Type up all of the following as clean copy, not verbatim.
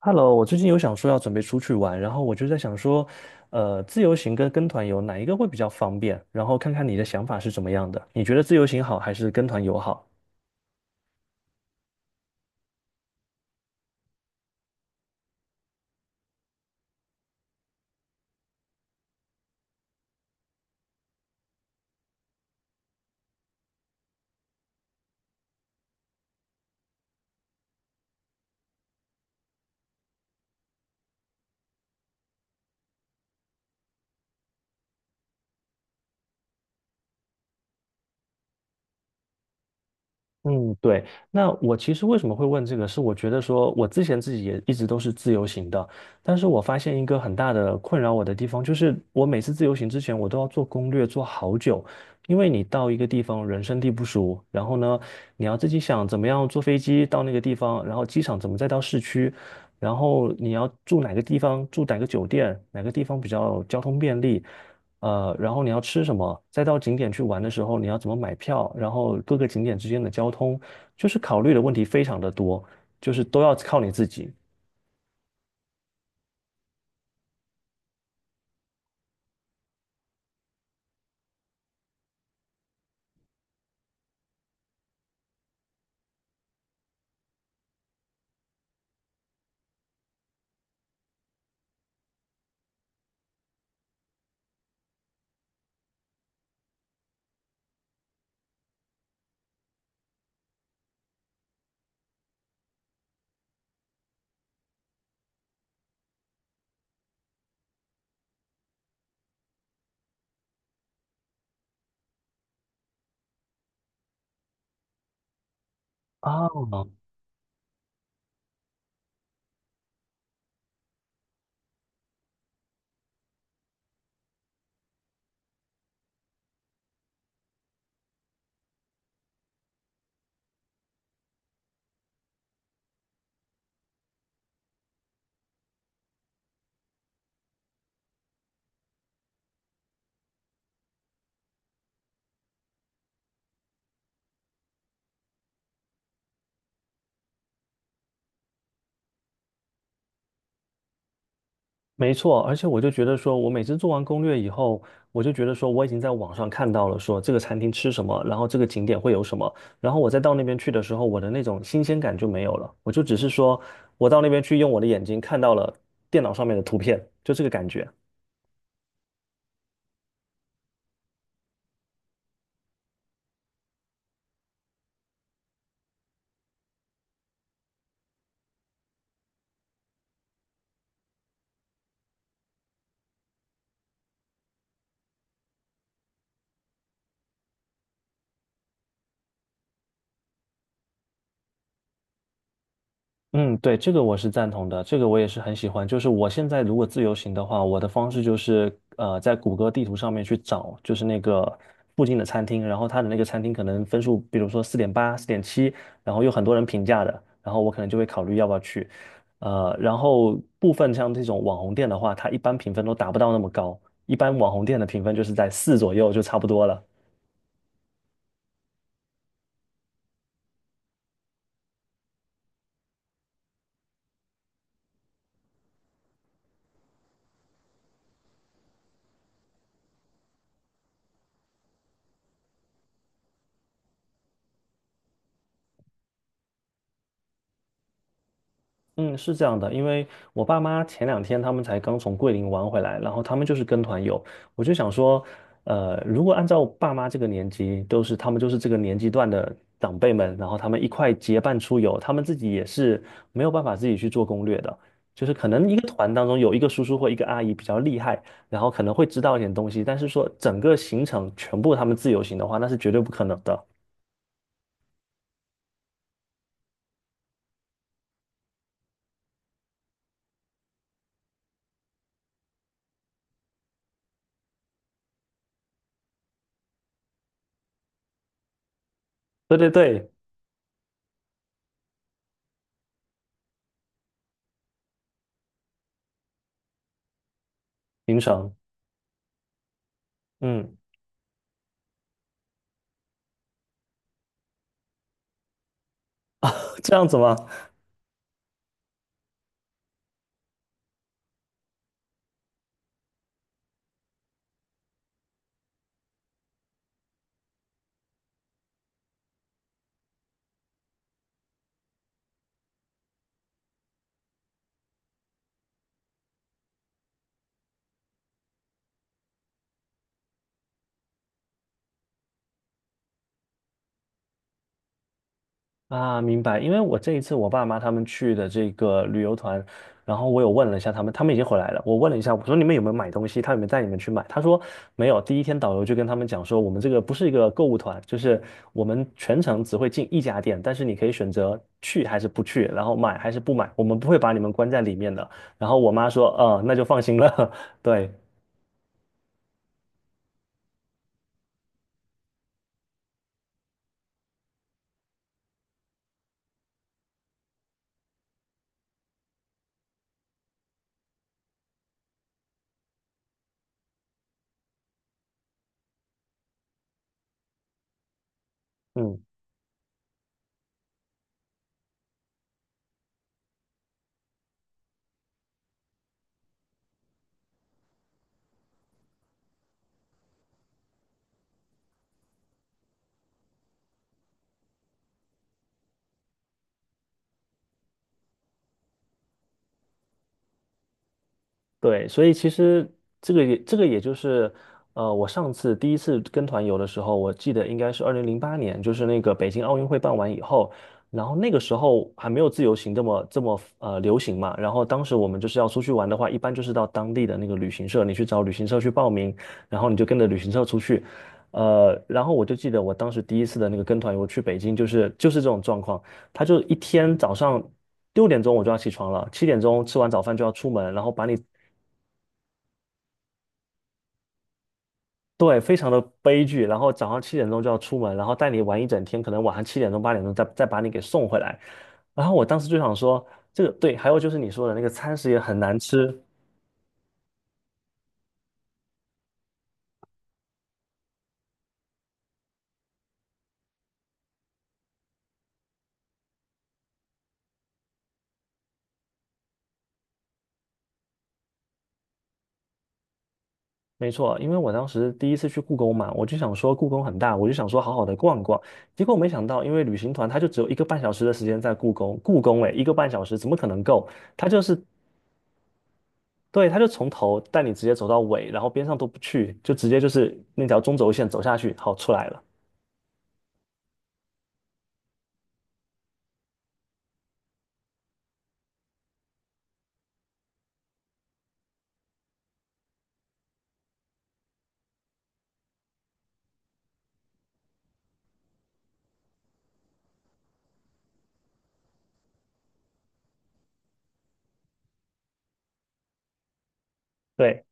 Hello，我最近有想说要准备出去玩，然后我就在想说，自由行跟团游哪一个会比较方便？然后看看你的想法是怎么样的，你觉得自由行好还是跟团游好？嗯，对。那我其实为什么会问这个，是我觉得说，我之前自己也一直都是自由行的，但是我发现一个很大的困扰我的地方，就是我每次自由行之前，我都要做攻略，做好久，因为你到一个地方人生地不熟，然后呢，你要自己想怎么样坐飞机到那个地方，然后机场怎么再到市区，然后你要住哪个地方，住哪个酒店，哪个地方比较交通便利。然后你要吃什么，再到景点去玩的时候你要怎么买票，然后各个景点之间的交通，就是考虑的问题非常的多，就是都要靠你自己。啊，没错，而且我就觉得说，我每次做完攻略以后，我就觉得说，我已经在网上看到了说这个餐厅吃什么，然后这个景点会有什么，然后我再到那边去的时候，我的那种新鲜感就没有了，我就只是说我到那边去用我的眼睛看到了电脑上面的图片，就这个感觉。嗯，对，这个我是赞同的，这个我也是很喜欢。就是我现在如果自由行的话，我的方式就是在谷歌地图上面去找，就是那个附近的餐厅，然后它的那个餐厅可能分数，比如说4.8、4.7，然后有很多人评价的，然后我可能就会考虑要不要去。然后部分像这种网红店的话，它一般评分都达不到那么高，一般网红店的评分就是在四左右就差不多了。嗯，是这样的，因为我爸妈前两天他们才刚从桂林玩回来，然后他们就是跟团游，我就想说，如果按照爸妈这个年纪，都是他们就是这个年纪段的长辈们，然后他们一块结伴出游，他们自己也是没有办法自己去做攻略的，就是可能一个团当中有一个叔叔或一个阿姨比较厉害，然后可能会知道一点东西，但是说整个行程全部他们自由行的话，那是绝对不可能的。对对对，行程，嗯，这样子吗？啊，明白。因为我这一次我爸妈他们去的这个旅游团，然后我有问了一下他们，他们已经回来了。我问了一下，我说你们有没有买东西？他有没有带你们去买？他说没有。第一天导游就跟他们讲说，我们这个不是一个购物团，就是我们全程只会进一家店，但是你可以选择去还是不去，然后买还是不买，我们不会把你们关在里面的。然后我妈说，那就放心了。对，嗯。对，所以其实这个也就是，我上次第一次跟团游的时候，我记得应该是2008年，就是那个北京奥运会办完以后，然后那个时候还没有自由行这么流行嘛，然后当时我们就是要出去玩的话，一般就是到当地的那个旅行社，你去找旅行社去报名，然后你就跟着旅行社出去，然后我就记得我当时第一次的那个跟团游去北京，就是这种状况，他就一天早上。6点钟我就要起床了，七点钟吃完早饭就要出门，然后把你对，非常的悲剧。然后早上7点钟就要出门，然后带你玩一整天，可能晚上7点钟、8点钟再把你给送回来。然后我当时就想说，这个对，还有就是你说的那个餐食也很难吃，没错，因为我当时第一次去故宫嘛，我就想说故宫很大，我就想说好好的逛逛，结果没想到，因为旅行团他就只有一个半小时的时间在故宫，故宫诶，一个半小时怎么可能够？他就是对，他就从头带你直接走到尾，然后边上都不去，就直接就是那条中轴线走下去，好出来了。对。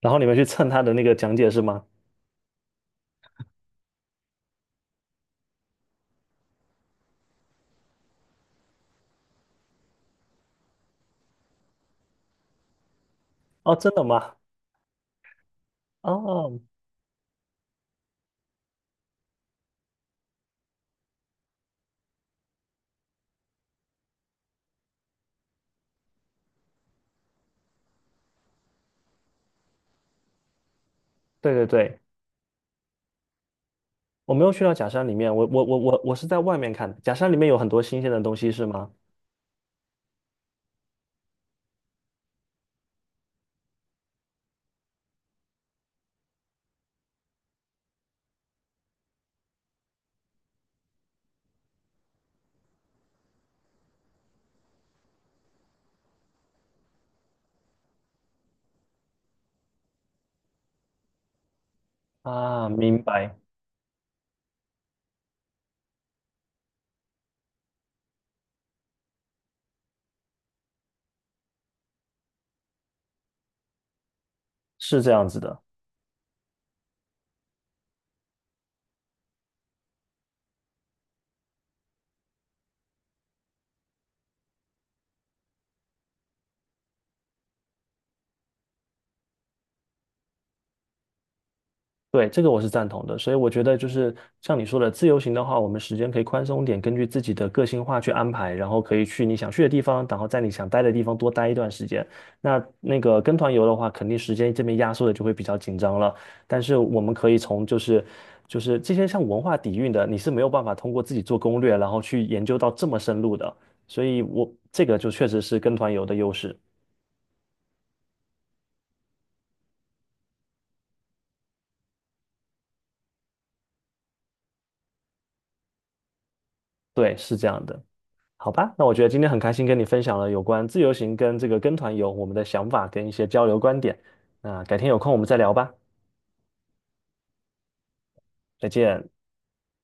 然后你们去蹭他的那个讲解是吗？哦，真的吗？哦，对对对，我没有去到假山里面，我是在外面看的。假山里面有很多新鲜的东西是吗？啊，明白，是这样子的。对，这个我是赞同的，所以我觉得就是像你说的，自由行的话，我们时间可以宽松点，根据自己的个性化去安排，然后可以去你想去的地方，然后在你想待的地方多待一段时间。那那个跟团游的话，肯定时间这边压缩的就会比较紧张了。但是我们可以从就是这些像文化底蕴的，你是没有办法通过自己做攻略，然后去研究到这么深入的。所以我这个就确实是跟团游的优势，对，是这样的。好吧，那我觉得今天很开心跟你分享了有关自由行跟这个跟团游我们的想法跟一些交流观点。那改天有空我们再聊吧，再见。